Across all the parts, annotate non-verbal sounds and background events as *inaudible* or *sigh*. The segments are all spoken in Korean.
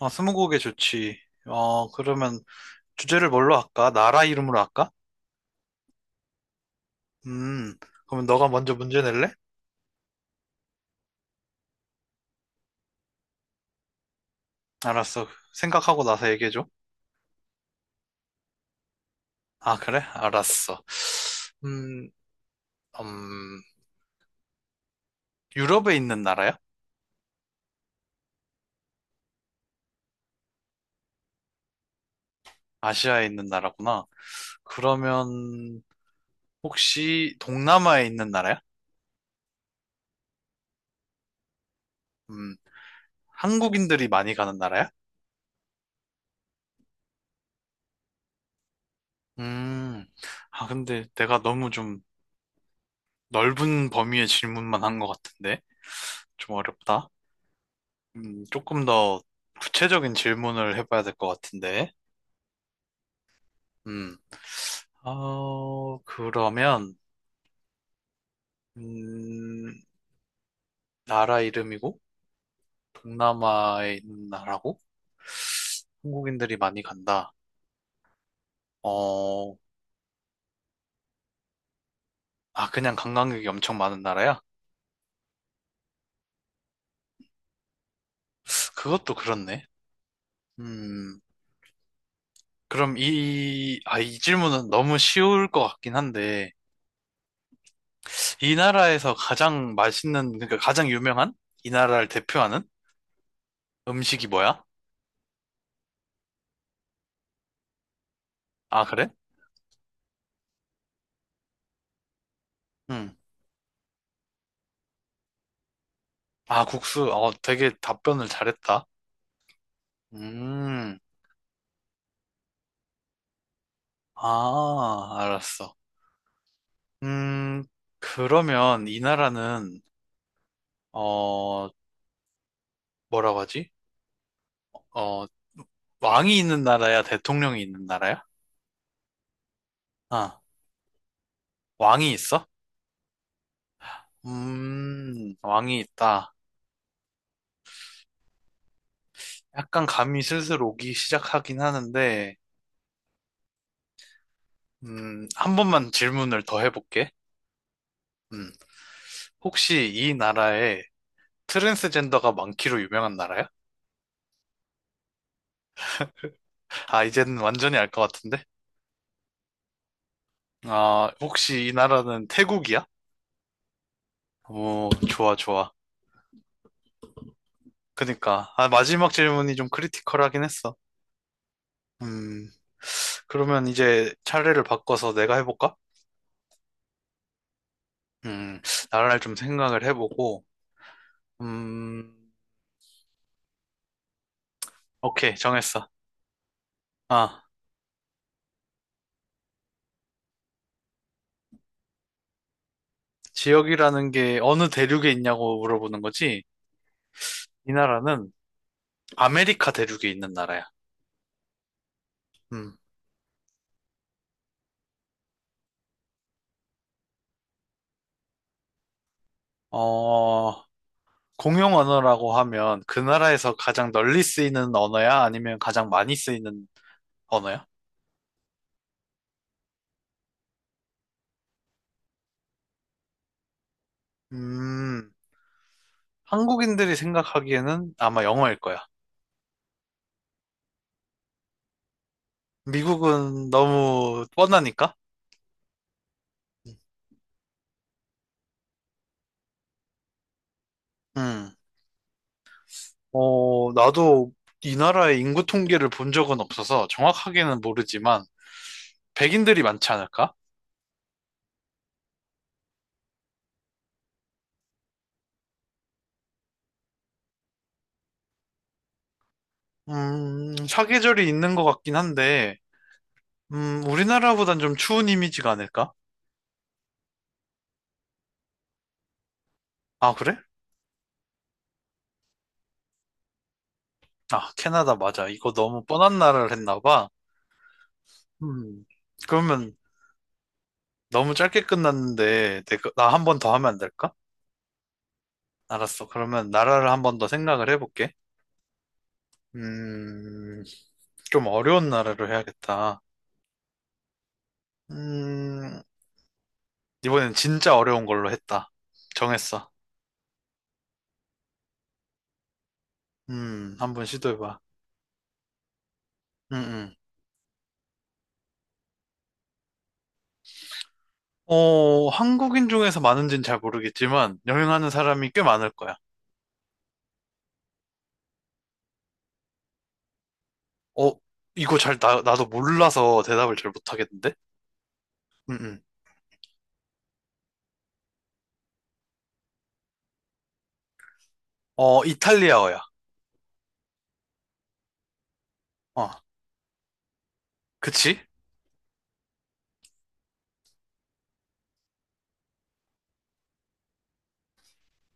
아, 스무고개 좋지. 그러면 주제를 뭘로 할까? 나라 이름으로 할까? 음, 그러면 너가 먼저 문제 낼래? 알았어. 생각하고 나서 얘기해줘. 아, 그래? 알았어. 음, 음, 유럽에 있는 나라야? 아시아에 있는 나라구나. 그러면 혹시 동남아에 있는 나라야? 음, 한국인들이 많이 가는 나라야? 음, 아, 근데 내가 너무 좀 넓은 범위의 질문만 한 것 같은데? 좀 어렵다. 조금 더 구체적인 질문을 해봐야 될 것 같은데. 음, 그러면, 음, 나라 이름이고, 동남아에 있는 나라고, 한국인들이 많이 간다. 어, 아, 그냥 관광객이 엄청 많은 나라야? 그것도 그렇네. 음, 그럼 이 질문은 너무 쉬울 것 같긴 한데, 이 나라에서 가장 맛있는, 그러니까 가장 유명한? 이 나라를 대표하는 음식이 뭐야? 아, 그래? 음. 아, 국수. 어, 되게 답변을 잘했다. 음, 아, 알았어. 음, 그러면 이 나라는, 어, 뭐라고 하지? 어, 왕이 있는 나라야? 대통령이 있는 나라야? 아, 왕이 있어? 왕이 있다. 약간 감이 슬슬 오기 시작하긴 하는데, 한 번만 질문을 더 해볼게. 음, 혹시 이 나라에 트랜스젠더가 많기로 유명한 나라야? 아, 이제는 완전히 알 것 같은데? 아, 혹시 이 나라는 태국이야? 오, 좋아, 좋아. 그니까. 아, 마지막 질문이 좀 크리티컬하긴 했어. 음, 그러면 이제 차례를 바꿔서 내가 해볼까? 음, 나라를 좀 생각을 해보고, 음, 오케이, 정했어. 아, 지역이라는 게 어느 대륙에 있냐고 물어보는 거지? 이 나라는 아메리카 대륙에 있는 나라야. 음, 어, 공용 언어라고 하면 그 나라에서 가장 널리 쓰이는 언어야? 아니면 가장 많이 쓰이는 언어야? 음, 한국인들이 생각하기에는 아마 영어일 거야. 미국은 너무 뻔하니까. 음, 나도 이 나라의 인구 통계를 본 적은 없어서 정확하게는 모르지만 백인들이 많지 않을까? 사계절이 있는 것 같긴 한데, 우리나라보단 좀 추운 이미지가 아닐까? 아, 그래? 아, 캐나다 맞아. 이거 너무 뻔한 나라를 했나 봐. 음, 그러면 너무 짧게 끝났는데, 나 한 번 더 하면 안 될까? 알았어. 그러면 나라를 한 번 더 생각을 해볼게. 음, 좀 어려운 나라로 해야겠다. 음, 이번엔 진짜 어려운 걸로 했다. 정했어. 한번 시도해봐. 음, 음. 한국인 중에서 많은지는 잘 모르겠지만, 여행하는 사람이 꽤 많을 거야. 어, 이거 나도 몰라서 대답을 잘 못하겠는데? 음, 음. 어, 이탈리아어야. 어, 그치?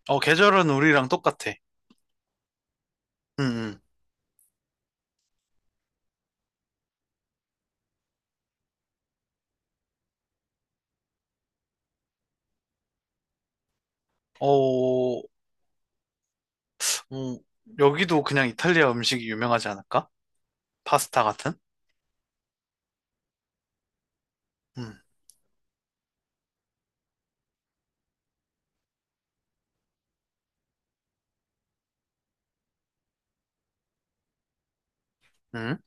어, 계절은 우리랑 똑같아. 음, 음. 어, 음, 여기도 그냥 이탈리아 음식이 유명하지 않을까? 파스타 같은? 음, 음,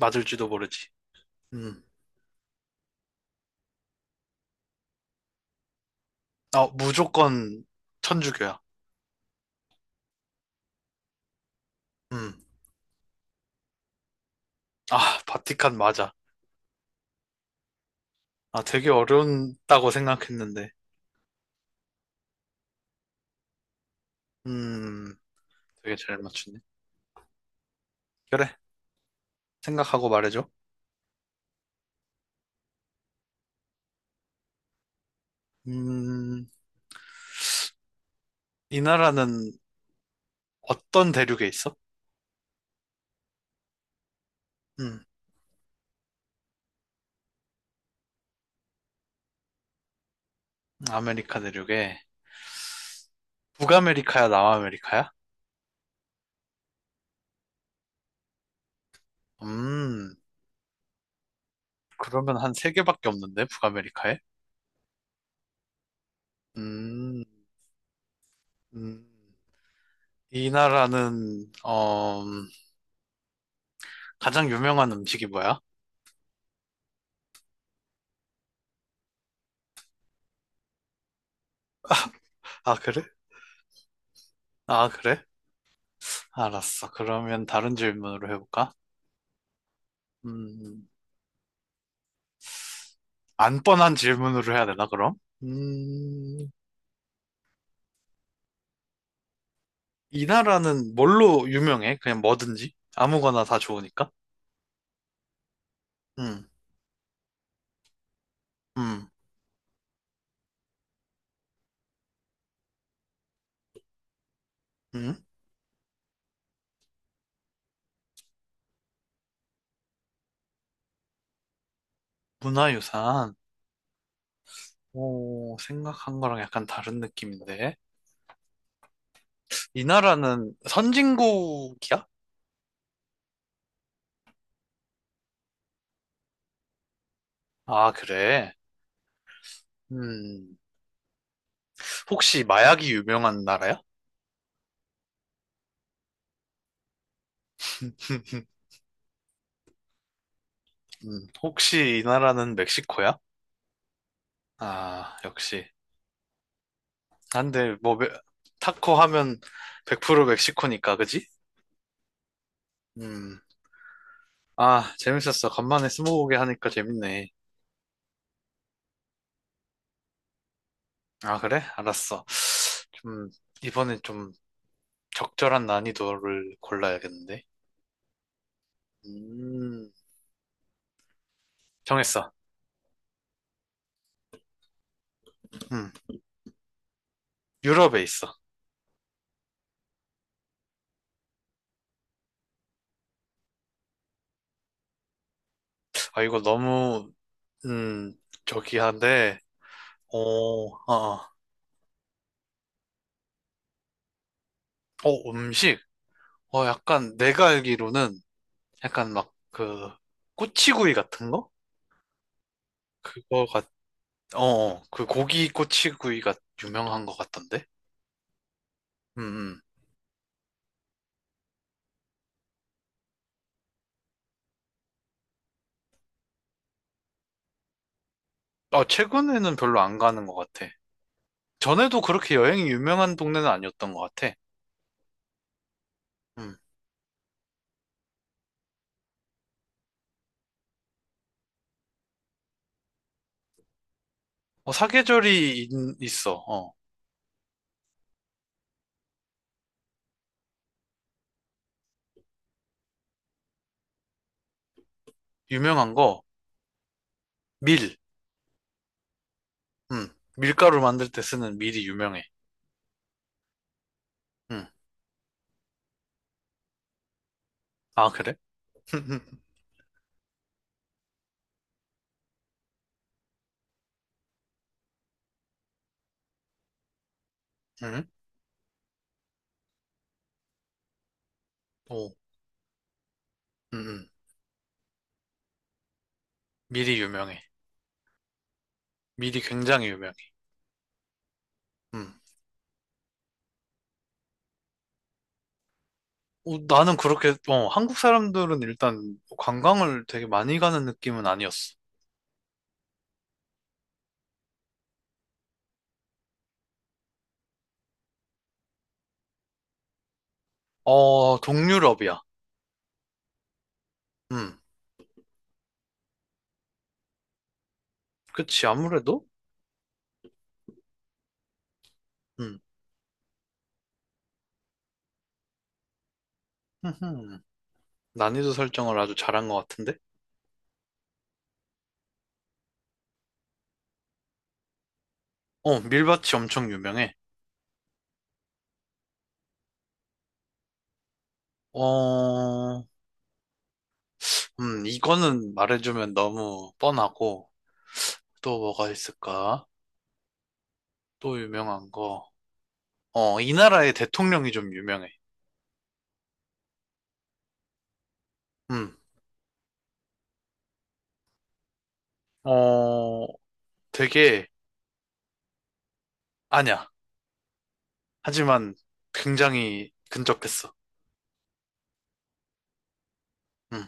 맞을지도 모르지. 음, 아, 무조건 천주교야. 음, 아, 바티칸 맞아. 아, 되게 어려운다고 생각했는데. 음, 되게 잘 맞추네. 그래, 생각하고 말해줘. 음, 이 나라는 어떤 대륙에 있어? 음, 아메리카 대륙에. 북아메리카야, 남아메리카야? 음, 그러면 한 세 개밖에 없는데, 북아메리카에? 음, 음. 이 나라는 가장 유명한 음식이 뭐야? 아, 그래? 아, 그래? 알았어. 그러면 다른 질문으로 해볼까? 음, 안 뻔한 질문으로 해야 되나 그럼? 음, 이 나라는 뭘로 유명해? 그냥 뭐든지 아무거나 다 좋으니까. 음, 음, 음. 문화유산. 오, 생각한 거랑 약간 다른 느낌인데. 이 나라는 선진국이야? 아, 그래. 음, 혹시 마약이 유명한 나라야? *laughs* 혹시 이 나라는 멕시코야? 아, 역시. 아, 근데 뭐 메- 타코 하면 100% 멕시코니까, 그지? 음. 아, 재밌었어. 간만에 스무고개 하니까 재밌네. 아, 그래? 알았어. 좀 이번엔 좀 적절한 난이도를 골라야겠는데. 음. 정했어. 음. 유럽에 있어. 아, 이거 너무 음, 저기 한데. 어, 어. 음식. 약간 내가 알기로는 약간 막 그 꼬치구이 같은 거? 그거가 그 고기 꼬치구이가 유명한 것 같던데? 음, 음. 아, 최근에는 별로 안 가는 것 같아. 전에도 그렇게 여행이 유명한 동네는 아니었던 것 같아. 음. 어, 사계절이 있어. 어. 유명한 거 밀. 음. 밀가루 만들 때 쓰는 밀이 유명해. 음. 아, 그래? *laughs* 음. 오. 음, 음. 밀이 유명해. 밀이 굉장히 유명해. 음. 나는 그렇게, 한국 사람들은 일단 관광을 되게 많이 가는 느낌은 아니었어. 어, 동유럽이야. 음, 그치, 아무래도? 음, 흠흠. 난이도 설정을 아주 잘한 것 같은데? 어, 밀밭이 엄청 유명해. 어, 이거는 말해주면 너무 뻔하고, 또 뭐가 있을까? 또 유명한 거. 어, 이 나라의 대통령이 좀 유명해. 음, 어, 되게, 아니야. 하지만 굉장히 근접했어. 음.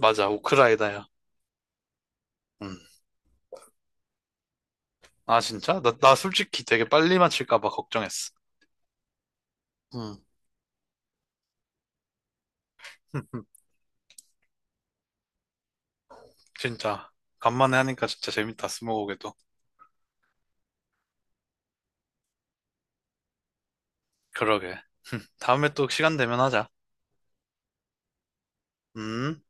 맞아, 우크라이나야. 음. 아, 진짜? 나 솔직히 되게 빨리 맞힐까 봐 걱정했어. 음. *laughs* 진짜. 간만에 하니까 진짜 재밌다, 스무고개도. 그러게. *laughs* 다음에 또 시간 되면 하자. 음.